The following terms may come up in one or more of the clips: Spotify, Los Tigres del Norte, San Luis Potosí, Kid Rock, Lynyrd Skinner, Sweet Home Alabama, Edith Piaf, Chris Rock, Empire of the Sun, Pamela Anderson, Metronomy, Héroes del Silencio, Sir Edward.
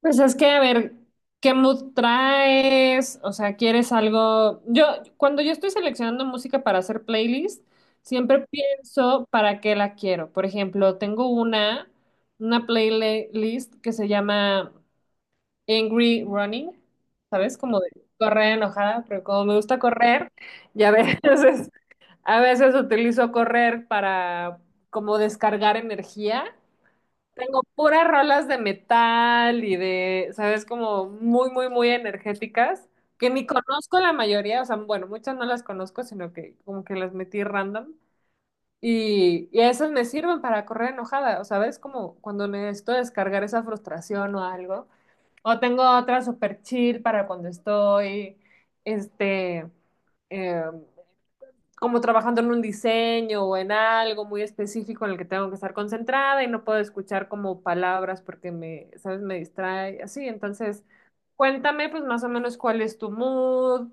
Pues es que, a ver, ¿qué mood traes? O sea, ¿quieres algo? Cuando yo estoy seleccionando música para hacer playlist, siempre pienso para qué la quiero. Por ejemplo, tengo una playlist que se llama Angry Running, ¿sabes? Como de correr enojada, pero como me gusta correr, y a veces, a veces utilizo correr para como descargar energía. Tengo puras rolas de metal y de, ¿sabes? Como muy, muy, muy energéticas, que ni conozco la mayoría, o sea, bueno, muchas no las conozco, sino que como que las metí random. Y esas me sirven para correr enojada, o sabes, como cuando necesito descargar esa frustración o algo. O tengo otra super chill para cuando estoy, este, em, como trabajando en un diseño o en algo muy específico en el que tengo que estar concentrada y no puedo escuchar como palabras porque me, ¿sabes? Me distrae, así. Entonces, cuéntame pues más o menos cuál es tu mood,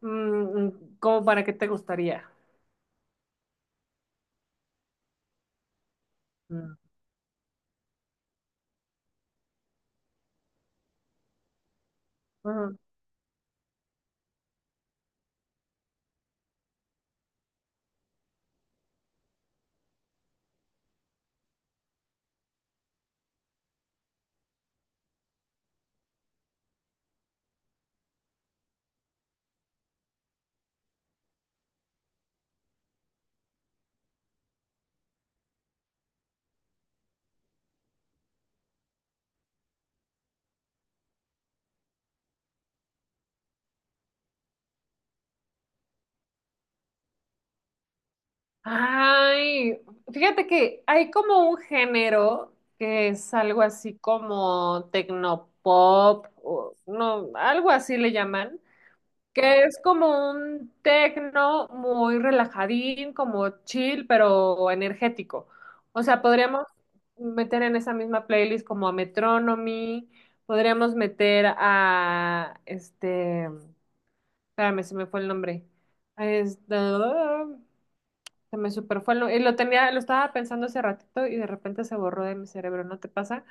mm, como para qué te gustaría. Mm, ujú. Ay, fíjate que hay como un género que es algo así como tecnopop, o no, algo así le llaman que es como un tecno muy relajadín, como chill, pero energético. O sea, podríamos meter en esa misma playlist como a Metronomy, podríamos meter a espérame, se me fue el nombre. Este, se me super fue el nombre. Y lo tenía, lo estaba pensando hace ratito y de repente se borró de mi cerebro, ¿no te pasa?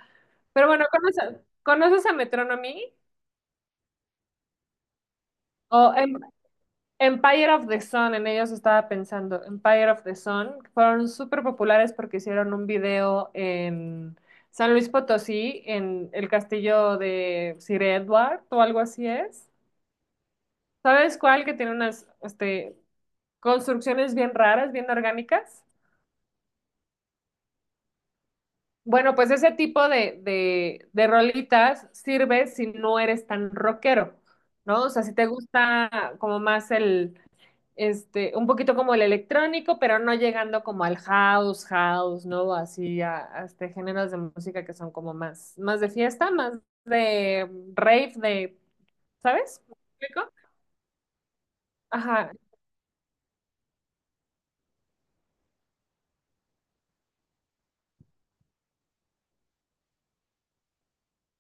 Pero bueno, ¿conoces a Metronomy? O en Empire of the Sun, en ellos estaba pensando. Empire of the Sun fueron súper populares porque hicieron un video en San Luis Potosí, en el castillo de Sir Edward o algo así es. ¿Sabes cuál? Que tiene unas construcciones bien raras, bien orgánicas. Bueno, pues ese tipo de rolitas sirve si no eres tan rockero, ¿no? O sea, si te gusta como más el un poquito como el electrónico, pero no llegando como al house, house, ¿no? Así a géneros de música que son como más de fiesta, más de rave, de, ¿sabes? ¿Me explico? Ajá.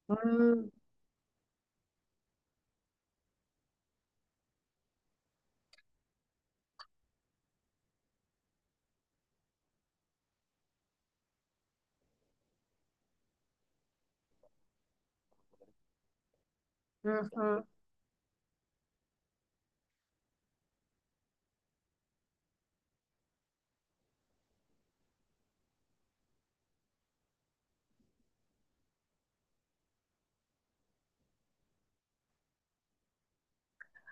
Mm, ujú.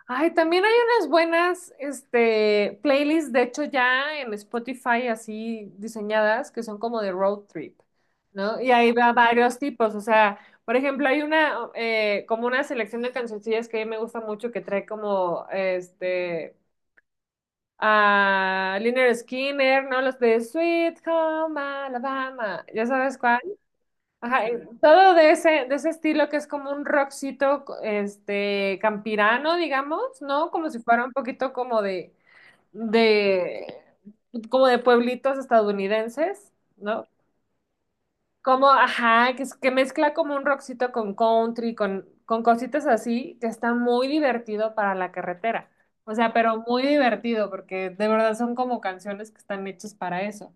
Ay, también hay unas buenas, playlists, de hecho ya en Spotify así diseñadas, que son como de road trip, ¿no? Y ahí va varios tipos, o sea, por ejemplo, hay una, como una selección de cancioncillas que a mí me gusta mucho, que trae como, a Lynyrd Skinner, ¿no? Los de Sweet Home Alabama, ya sabes. Ajá, todo de ese estilo que es como un rockcito, campirano, digamos, ¿no? Como si fuera un poquito de, como de pueblitos estadounidenses, ¿no? Como, ajá, que, que mezcla como un rockcito con country, con cositas así, que está muy divertido para la carretera. O sea, pero muy divertido, porque de verdad son como canciones que están hechas para eso.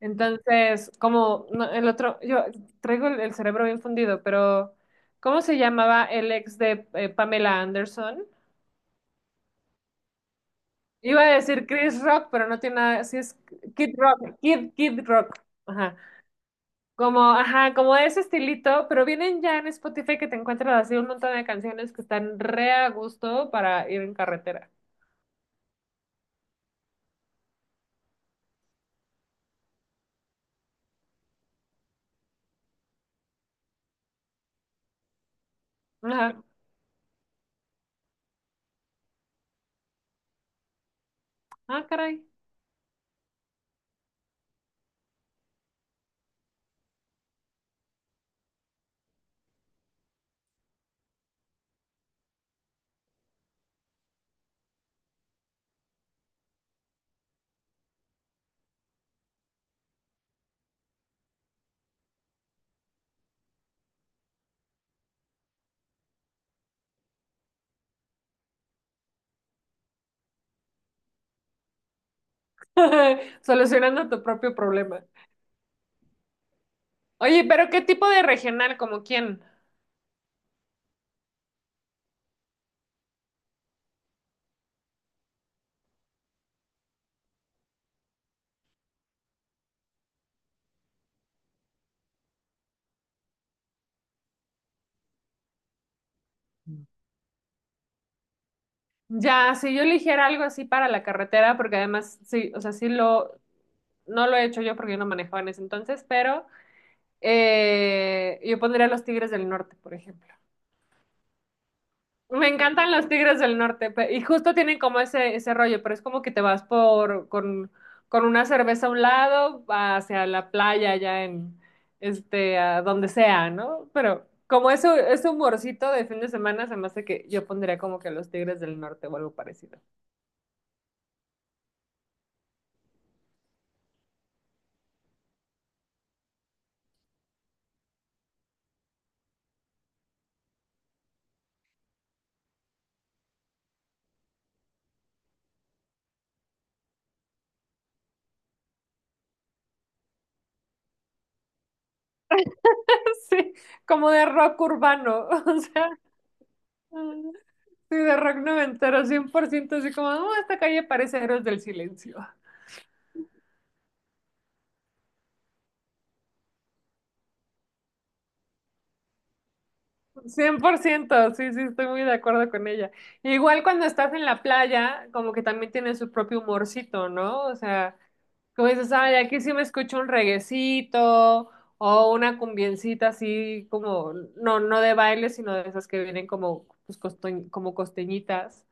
Entonces, como no, el otro, yo traigo el cerebro bien fundido, pero ¿cómo se llamaba el ex de Pamela Anderson? Iba a decir Chris Rock, pero no tiene nada, sí es Kid Rock, Kid Rock. Ajá. Como, ajá, como de ese estilito, pero vienen ya en Spotify que te encuentras así un montón de canciones que están re a gusto para ir en carretera. Ajá. Ah, caray. Solucionando tu propio problema. Oye, pero ¿qué tipo de regional? ¿Como quién? Ya, si yo eligiera algo así para la carretera, porque además, sí, o sea, no lo he hecho yo porque yo no manejaba en ese entonces, pero yo pondría Los Tigres del Norte, por ejemplo. Me encantan los Tigres del Norte y justo tienen como ese rollo, pero es como que te vas por con una cerveza a un lado hacia la playa allá en a donde sea, ¿no? Pero como eso ese humorcito de fin de semana se me hace que yo pondría como que los Tigres del Norte o algo parecido. Sí, como de rock urbano, o sea, sí, de rock noventero, 100%, así como, "Oh, esta calle parece Héroes del Silencio". 100%. Sí, sí, estoy muy de acuerdo con ella. Igual cuando estás en la playa, como que también tiene su propio humorcito, ¿no? O sea, como dices, ay, aquí sí me escucho un reguecito o una cumbiencita así como, no, no de baile, sino de esas que vienen como, pues, costo- como costeñitas.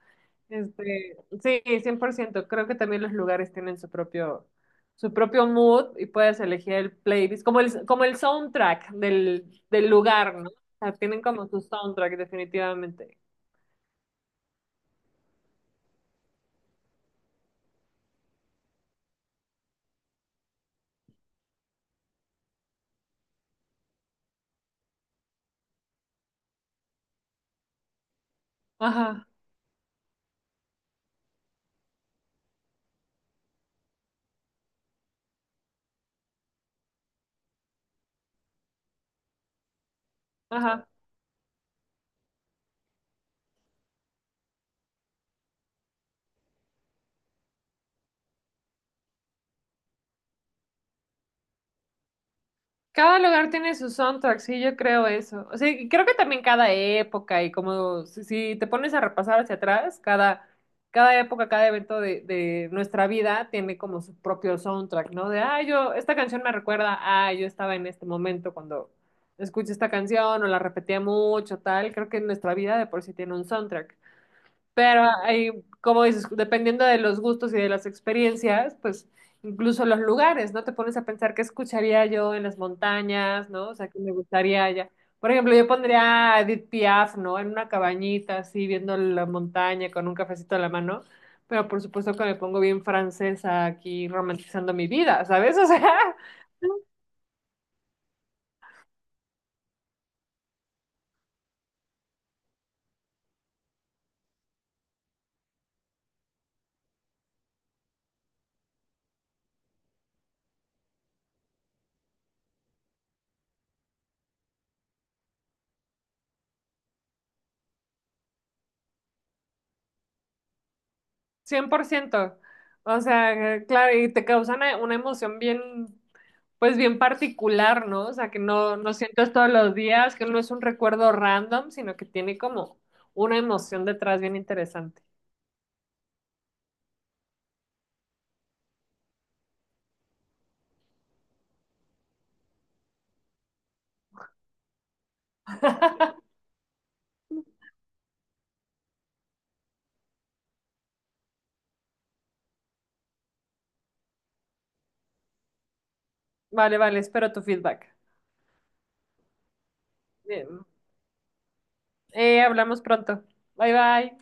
Este, sí, 100%. Creo que también los lugares tienen su propio mood y puedes elegir el playlist, como el soundtrack del lugar, ¿no? O sea, tienen como su soundtrack definitivamente. Ajá, ajá. Cada lugar tiene su soundtrack, sí, yo creo eso. O sea, y creo que también cada época y como si, si te pones a repasar hacia atrás, cada época, cada evento de nuestra vida tiene como su propio soundtrack, ¿no? De, ah, yo, esta canción me recuerda, ah, yo estaba en este momento cuando escuché esta canción o la repetía mucho, tal. Creo que nuestra vida de por sí tiene un soundtrack. Pero hay, como dices, dependiendo de los gustos y de las experiencias, pues incluso los lugares, ¿no? Te pones a pensar qué escucharía yo en las montañas, ¿no? O sea, qué me gustaría allá. Por ejemplo, yo pondría a Edith Piaf, ¿no? En una cabañita, así, viendo la montaña con un cafecito a la mano. Pero por supuesto que me pongo bien francesa aquí, romantizando mi vida, ¿sabes? O sea, 100%. O sea, claro, y te causan una emoción bien, pues bien particular, ¿no? O sea, que no, no sientes todos los días, que no es un recuerdo random, sino que tiene como una emoción detrás bien interesante. Vale, vale, espero tu feedback. Bien. Hablamos pronto. Bye, bye.